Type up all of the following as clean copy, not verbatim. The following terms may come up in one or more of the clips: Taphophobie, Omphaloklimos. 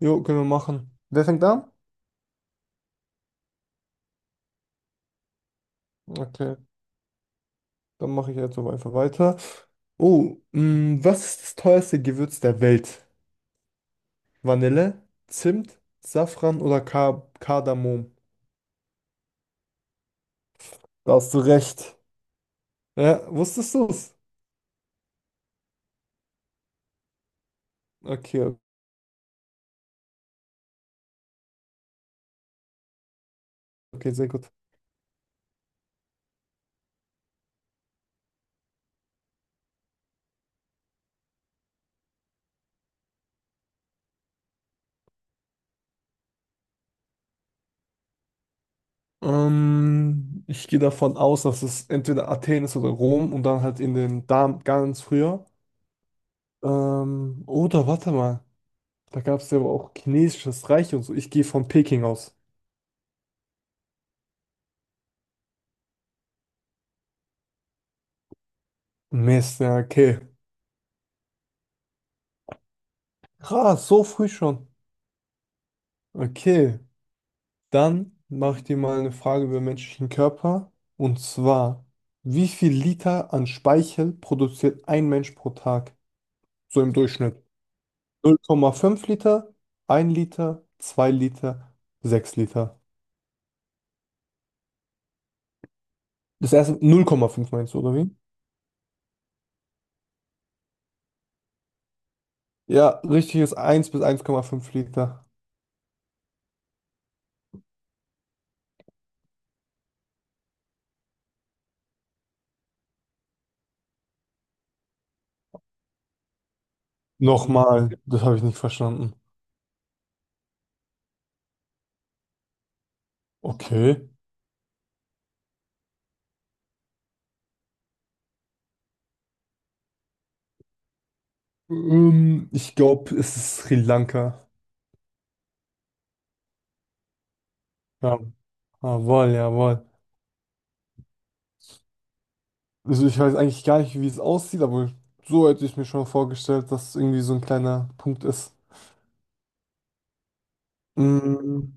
Jo, können wir machen. Wer fängt an? Okay, dann mache ich jetzt so einfach weiter. Oh, was ist das teuerste Gewürz der Welt? Vanille, Zimt, Safran oder Ka Kardamom? Da hast du recht. Ja, wusstest du es? Okay, okay, sehr gut. Ich gehe davon aus, dass es entweder Athen ist oder Rom und dann halt in den Dam ganz früher. Oder warte mal, da gab es ja aber auch chinesisches Reich und so. Ich gehe von Peking aus. Mist, ja, okay. Krass, so früh schon. Okay, dann mache ich dir mal eine Frage über den menschlichen Körper. Und zwar, wie viel Liter an Speichel produziert ein Mensch pro Tag? So im Durchschnitt. 0,5 Liter, 1 Liter, 2 Liter, 6 Liter. Das erste 0,5 meinst du, oder wie? Ja, richtig ist 1 bis 1,5 Liter. Nochmal, das habe ich nicht verstanden. Okay. Ich glaube, es ist Sri Lanka. Ja. Jawohl, jawohl. Also ich weiß eigentlich gar nicht, wie es aussieht, aber so hätte ich mir schon vorgestellt, dass es irgendwie so ein kleiner Punkt ist. Mm.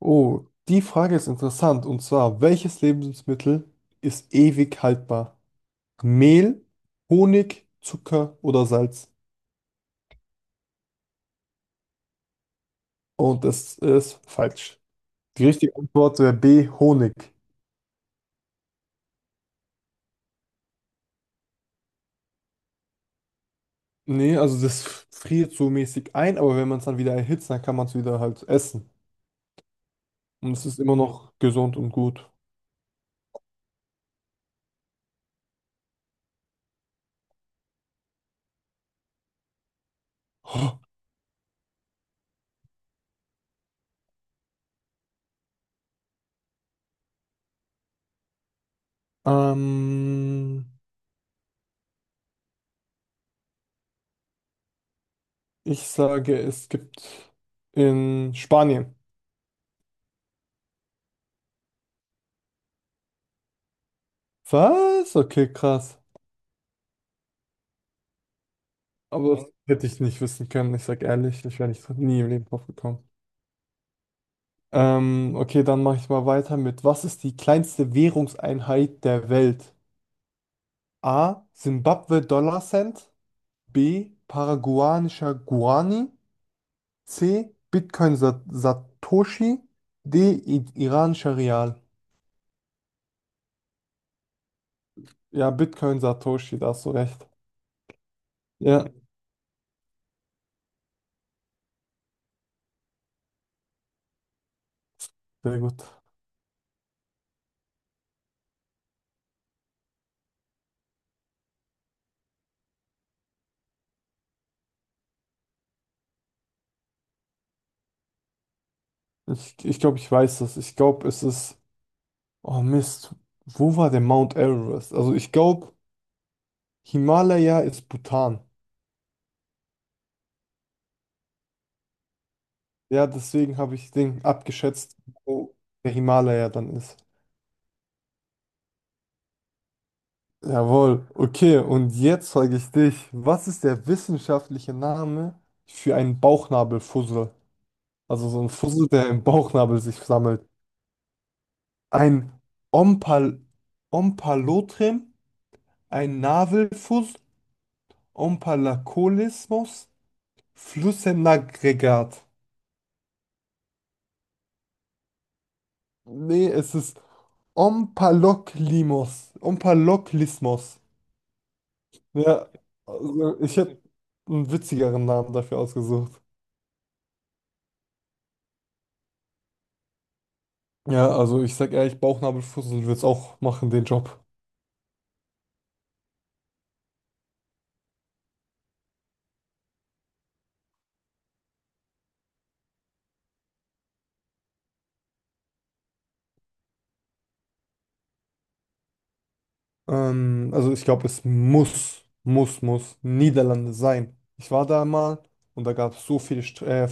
Oh, die Frage ist interessant. Und zwar, welches Lebensmittel ist ewig haltbar? Mehl, Honig, Zucker oder Salz? Und das ist falsch. Die richtige Antwort wäre B, Honig. Nee, also das friert so mäßig ein, aber wenn man es dann wieder erhitzt, dann kann man es wieder halt essen. Und es ist immer noch gesund und gut. Ähm, Ich sage, es gibt in Spanien. Was? Okay, krass. Aber das hätte ich nicht wissen können. Ich sage ehrlich, ich wäre nicht nie im Leben drauf gekommen. Okay, dann mache ich mal weiter mit, was ist die kleinste Währungseinheit der Welt? A. Simbabwe Dollar Cent. B. Paraguayanischer Guarani. C. Bitcoin Sa Satoshi. D. I iranischer Rial. Ja, Bitcoin Satoshi, da hast du recht. Ja, sehr gut. Ich glaube, ich weiß das. Ich glaube, es ist. Oh Mist. Wo war der Mount Everest? Also ich glaube, Himalaya ist Bhutan. Ja, deswegen habe ich den abgeschätzt, wo der Himalaya dann ist. Jawohl. Okay, und jetzt frage ich dich, was ist der wissenschaftliche Name für einen Bauchnabelfussel? Also so ein Fussel, der im Bauchnabel sich sammelt. Ein Ompal Ompalotrem, ein Navelfuss, Ompalakolismus. Flussenaggregat. Nee, es ist Omphaloklimos. Omphaloklismos. Ja, also ich hätte einen witzigeren Namen dafür ausgesucht. Ja, also ich sag ehrlich, Bauchnabelfussel wird's auch machen, den Job. Also ich glaube, es muss Niederlande sein. Ich war da mal und da gab es so viele St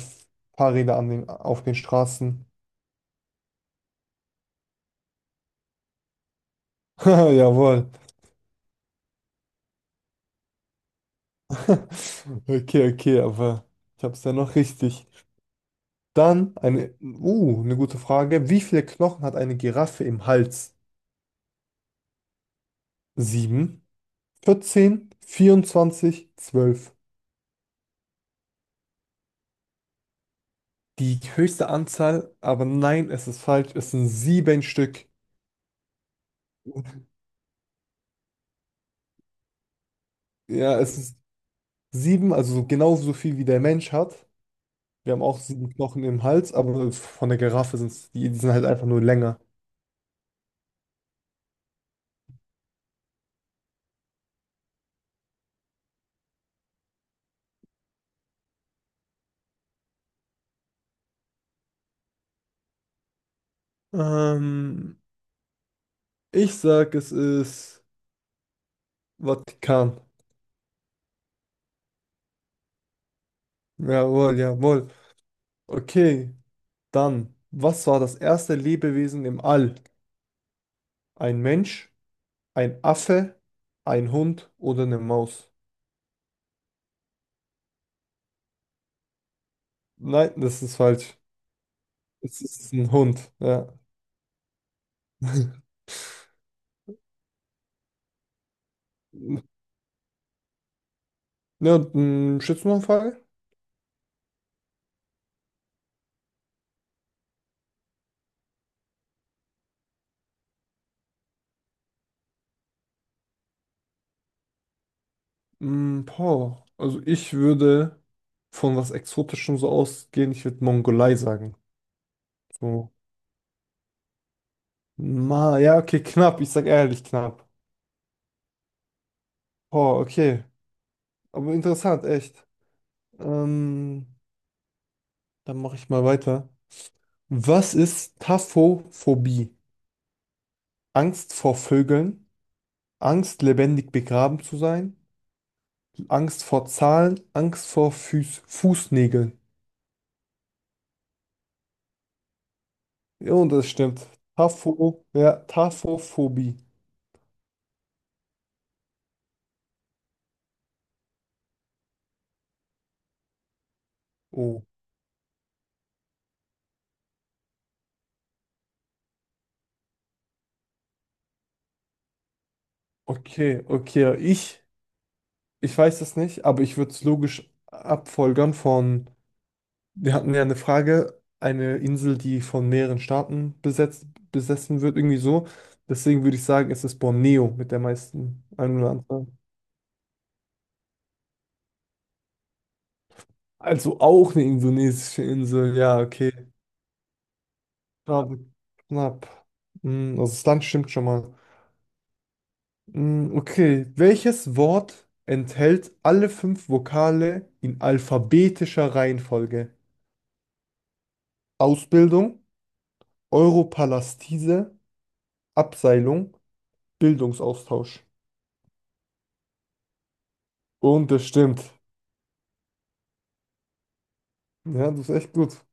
Fahrräder an den, auf den Straßen. Haha, jawohl. Okay, okay, aber ich hab's ja noch richtig. Dann eine gute Frage. Wie viele Knochen hat eine Giraffe im Hals? 7, 14, 24, 12. Die höchste Anzahl, aber nein, es ist falsch. Es sind sieben Stück. Ja, es ist sieben, also so genauso viel wie der Mensch hat. Wir haben auch sieben Knochen im Hals, aber von der Giraffe sind es, die sind halt einfach nur länger. Ähm, Ich sag, es ist Vatikan. Jawohl, jawohl. Okay. Dann, was war das erste Lebewesen im All? Ein Mensch, ein Affe, ein Hund oder eine Maus? Nein, das ist falsch. Es ist ein Hund, ja. Ja, schätzt du noch eine Frage? Boah, also ich würde von was Exotischem so ausgehen, ich würde Mongolei sagen. So. Ja, okay, knapp, ich sag ehrlich knapp. Boah, okay. Aber interessant, echt. Ähm, Dann mache ich mal weiter. Was ist Taphophobie? Angst vor Vögeln, Angst lebendig begraben zu sein, Angst vor Zahlen, Angst vor Füß Fußnägeln. Ja, und das stimmt. Ja, Taphophobie. Oh, okay, okay. Ich weiß das nicht, aber ich würde es logisch abfolgern von, wir hatten ja eine Frage, eine Insel, die von mehreren Staaten besetzt, besessen wird, irgendwie so. Deswegen würde ich sagen, es ist Borneo mit der meisten Einwohneranzahl. Also auch eine indonesische Insel, ja, okay. Knapp. Knapp. Also das Land stimmt schon mal. Okay, welches Wort enthält alle fünf Vokale in alphabetischer Reihenfolge? Ausbildung, Europalastise, Abseilung, Bildungsaustausch. Und das stimmt. Ja, das ist echt gut.